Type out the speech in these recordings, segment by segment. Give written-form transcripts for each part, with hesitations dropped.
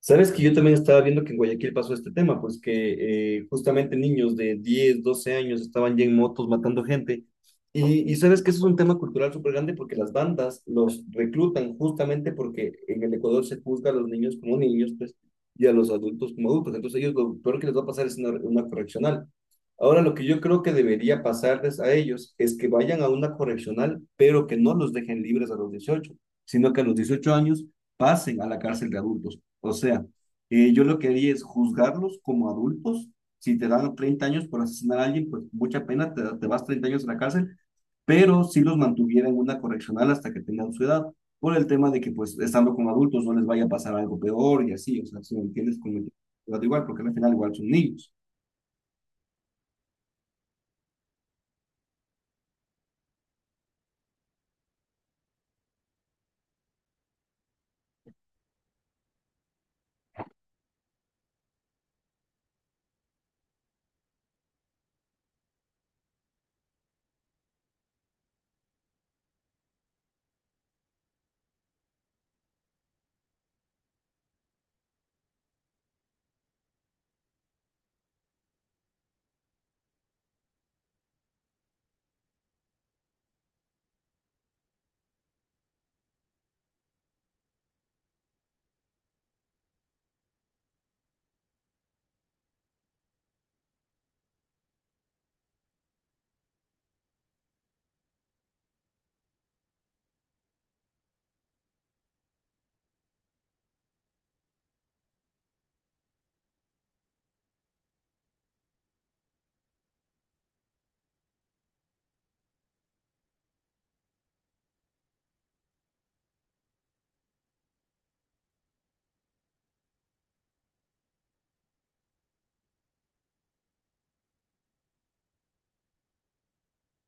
Sabes que yo también estaba viendo que en Guayaquil pasó este tema, pues que justamente niños de 10, 12 años estaban ya en motos matando gente. Y sabes que eso es un tema cultural súper grande porque las bandas los reclutan justamente porque en el Ecuador se juzga a los niños como niños, pues, y a los adultos como adultos. Entonces ellos lo peor que les va a pasar es una correccional. Ahora lo que yo creo que debería pasarles a ellos es que vayan a una correccional, pero que no los dejen libres a los 18, sino que a los 18 años pasen a la cárcel de adultos. O sea, yo lo que haría es juzgarlos como adultos. Si te dan 30 años por asesinar a alguien, pues mucha pena, te vas 30 años a la cárcel, pero si los mantuviera en una correccional hasta que tengan su edad, por el tema de que pues estando como adultos no les vaya a pasar algo peor y así, o sea, si me entiendes, como igual, porque al final igual son niños.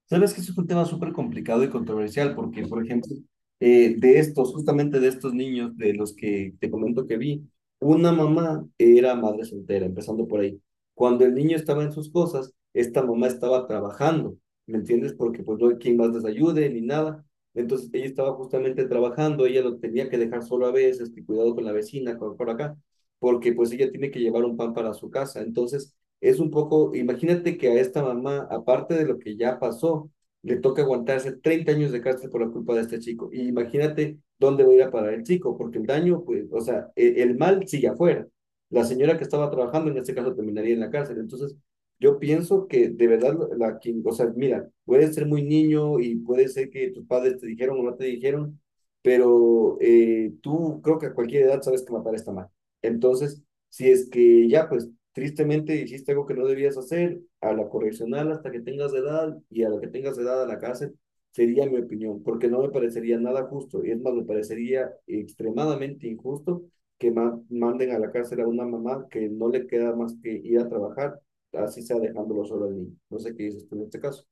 Sabes que eso es un tema súper complicado y controversial porque, por ejemplo, de estos, justamente de estos niños de los que te comento que vi, una mamá era madre soltera, empezando por ahí. Cuando el niño estaba en sus cosas, esta mamá estaba trabajando, ¿me entiendes? Porque pues no hay quien más les ayude ni nada. Entonces ella estaba justamente trabajando, ella lo tenía que dejar solo a veces, que cuidado con la vecina, con por acá, porque pues ella tiene que llevar un pan para su casa. Entonces es un poco, imagínate que a esta mamá, aparte de lo que ya pasó, le toca aguantarse 30 años de cárcel por la culpa de este chico. Y imagínate dónde va a ir a parar el chico, porque el daño, pues, o sea, el, mal sigue afuera. La señora que estaba trabajando en este caso terminaría en la cárcel. Entonces, yo pienso que de verdad, la, quien, o sea, mira, puedes ser muy niño y puede ser que tus padres te dijeron o no te dijeron, pero tú creo que a cualquier edad sabes que matar está mal. Entonces, si es que ya, pues tristemente hiciste algo que no debías hacer, a la correccional hasta que tengas edad y a la que tengas edad a la cárcel, sería mi opinión, porque no me parecería nada justo, y es más, me parecería extremadamente injusto que manden a la cárcel a una mamá que no le queda más que ir a trabajar, así sea dejándolo solo al niño. No sé qué dices tú en este caso.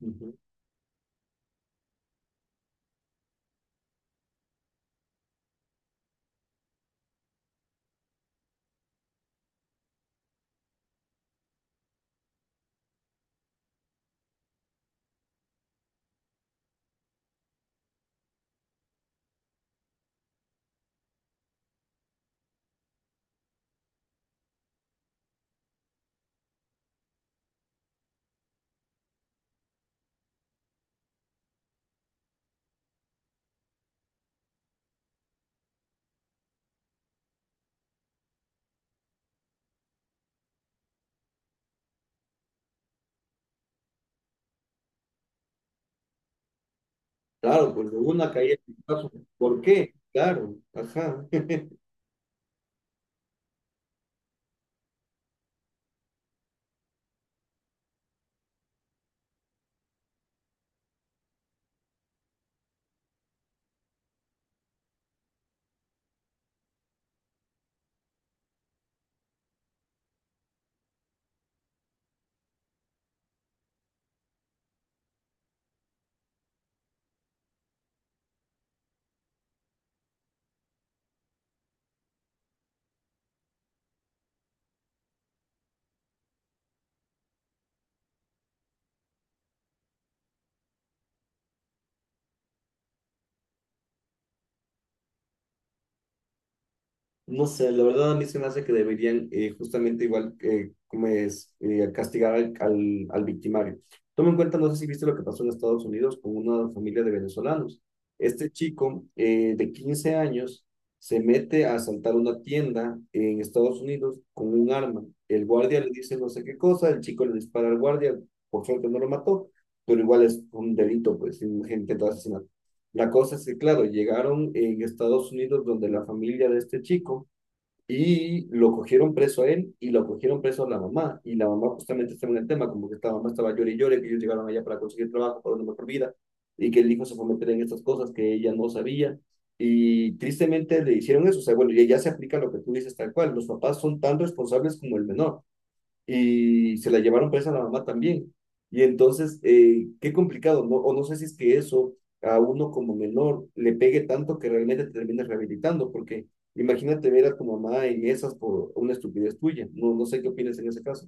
Ujú. Claro, pues de una caída en el caso. ¿Por qué? Claro, ajá. No sé, la verdad a mí se me hace que deberían justamente igual como es castigar al, al, al victimario. Toma en cuenta, no sé si viste lo que pasó en Estados Unidos con una familia de venezolanos. Este chico de 15 años se mete a asaltar una tienda en Estados Unidos con un arma. El guardia le dice no sé qué cosa, el chico le dispara al guardia, por suerte no lo mató, pero igual es un delito, pues, un intento de asesinato. La cosa es que, claro, llegaron en Estados Unidos donde la familia de este chico y lo cogieron preso a él y lo cogieron preso a la mamá. Y la mamá justamente estaba en el tema, como que esta mamá estaba llorando y llorando, que ellos llegaron allá para conseguir trabajo, para una mejor vida, y que el hijo se fue a meter en estas cosas que ella no sabía. Y tristemente le hicieron eso. O sea, bueno, ya, ya se aplica lo que tú dices tal cual. Los papás son tan responsables como el menor y se la llevaron presa a la mamá también. Y entonces, qué complicado, ¿no? O no sé si es que eso a uno como menor le pegue tanto que realmente te termines rehabilitando, porque imagínate ver a tu mamá en esas por una estupidez tuya. No, no sé qué opinas en ese caso.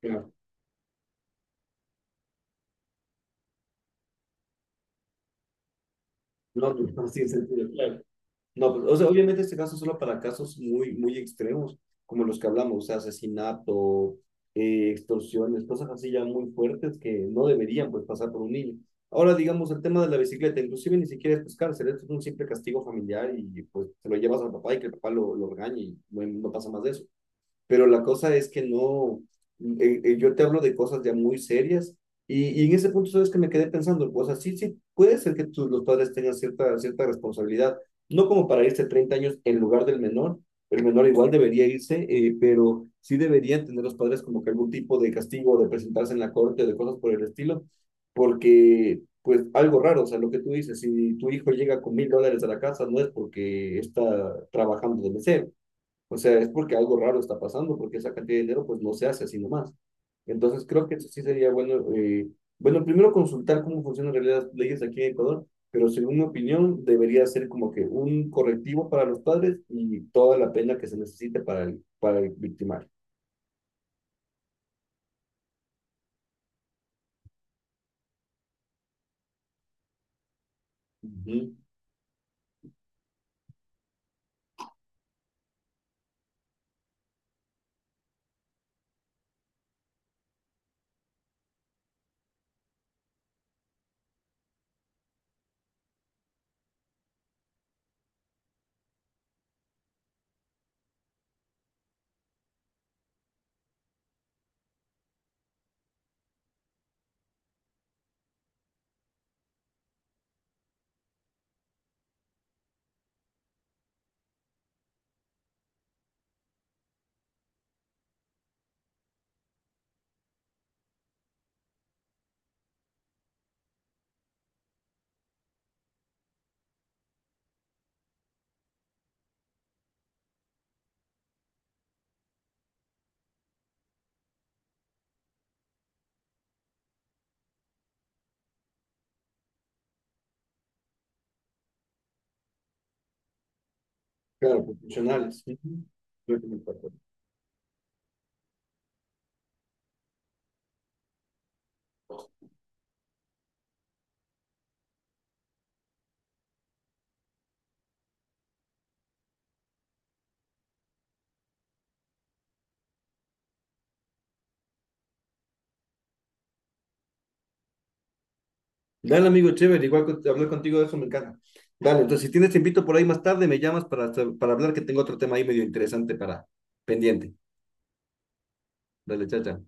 Claro, no, no, sí, sí, sí, claro. No, pues, o sea, obviamente este caso es solo para casos muy, muy extremos, como los que hablamos, o sea, asesinato, extorsiones, cosas así ya muy fuertes que no deberían pues pasar por un niño. Ahora, digamos, el tema de la bicicleta, inclusive ni siquiera es pues, cárcel, esto es un simple castigo familiar y pues te lo llevas al papá y que el papá lo regañe y no, no pasa más de eso pero la cosa es que no, yo te hablo de cosas ya muy serias y en ese punto sabes que me quedé pensando, o sea, sí, sí, puede ser que los padres tengan cierta responsabilidad, no como para irse 30 años en lugar del menor, el menor igual debería irse, pero sí deberían tener los padres como que algún tipo de castigo, de presentarse en la corte, de cosas por el estilo, porque pues algo raro, o sea, lo que tú dices, si tu hijo llega con $1.000 a la casa, no es porque está trabajando de mesero, o sea, es porque algo raro está pasando, porque esa cantidad de dinero pues no se hace así nomás. Entonces creo que eso sí sería bueno, bueno, primero consultar cómo funcionan en realidad las leyes aquí en Ecuador, pero según mi opinión debería ser como que un correctivo para los padres y toda la pena que se necesite para para el victimario. Ujú. Claro, profesionales. Ujú. Creo que me encanta. Dale, amigo, chévere, igual hablar contigo de eso me encanta. Dale, entonces si tienes te invito por ahí más tarde, me llamas para hablar que tengo otro tema ahí medio interesante para pendiente. Dale, chacha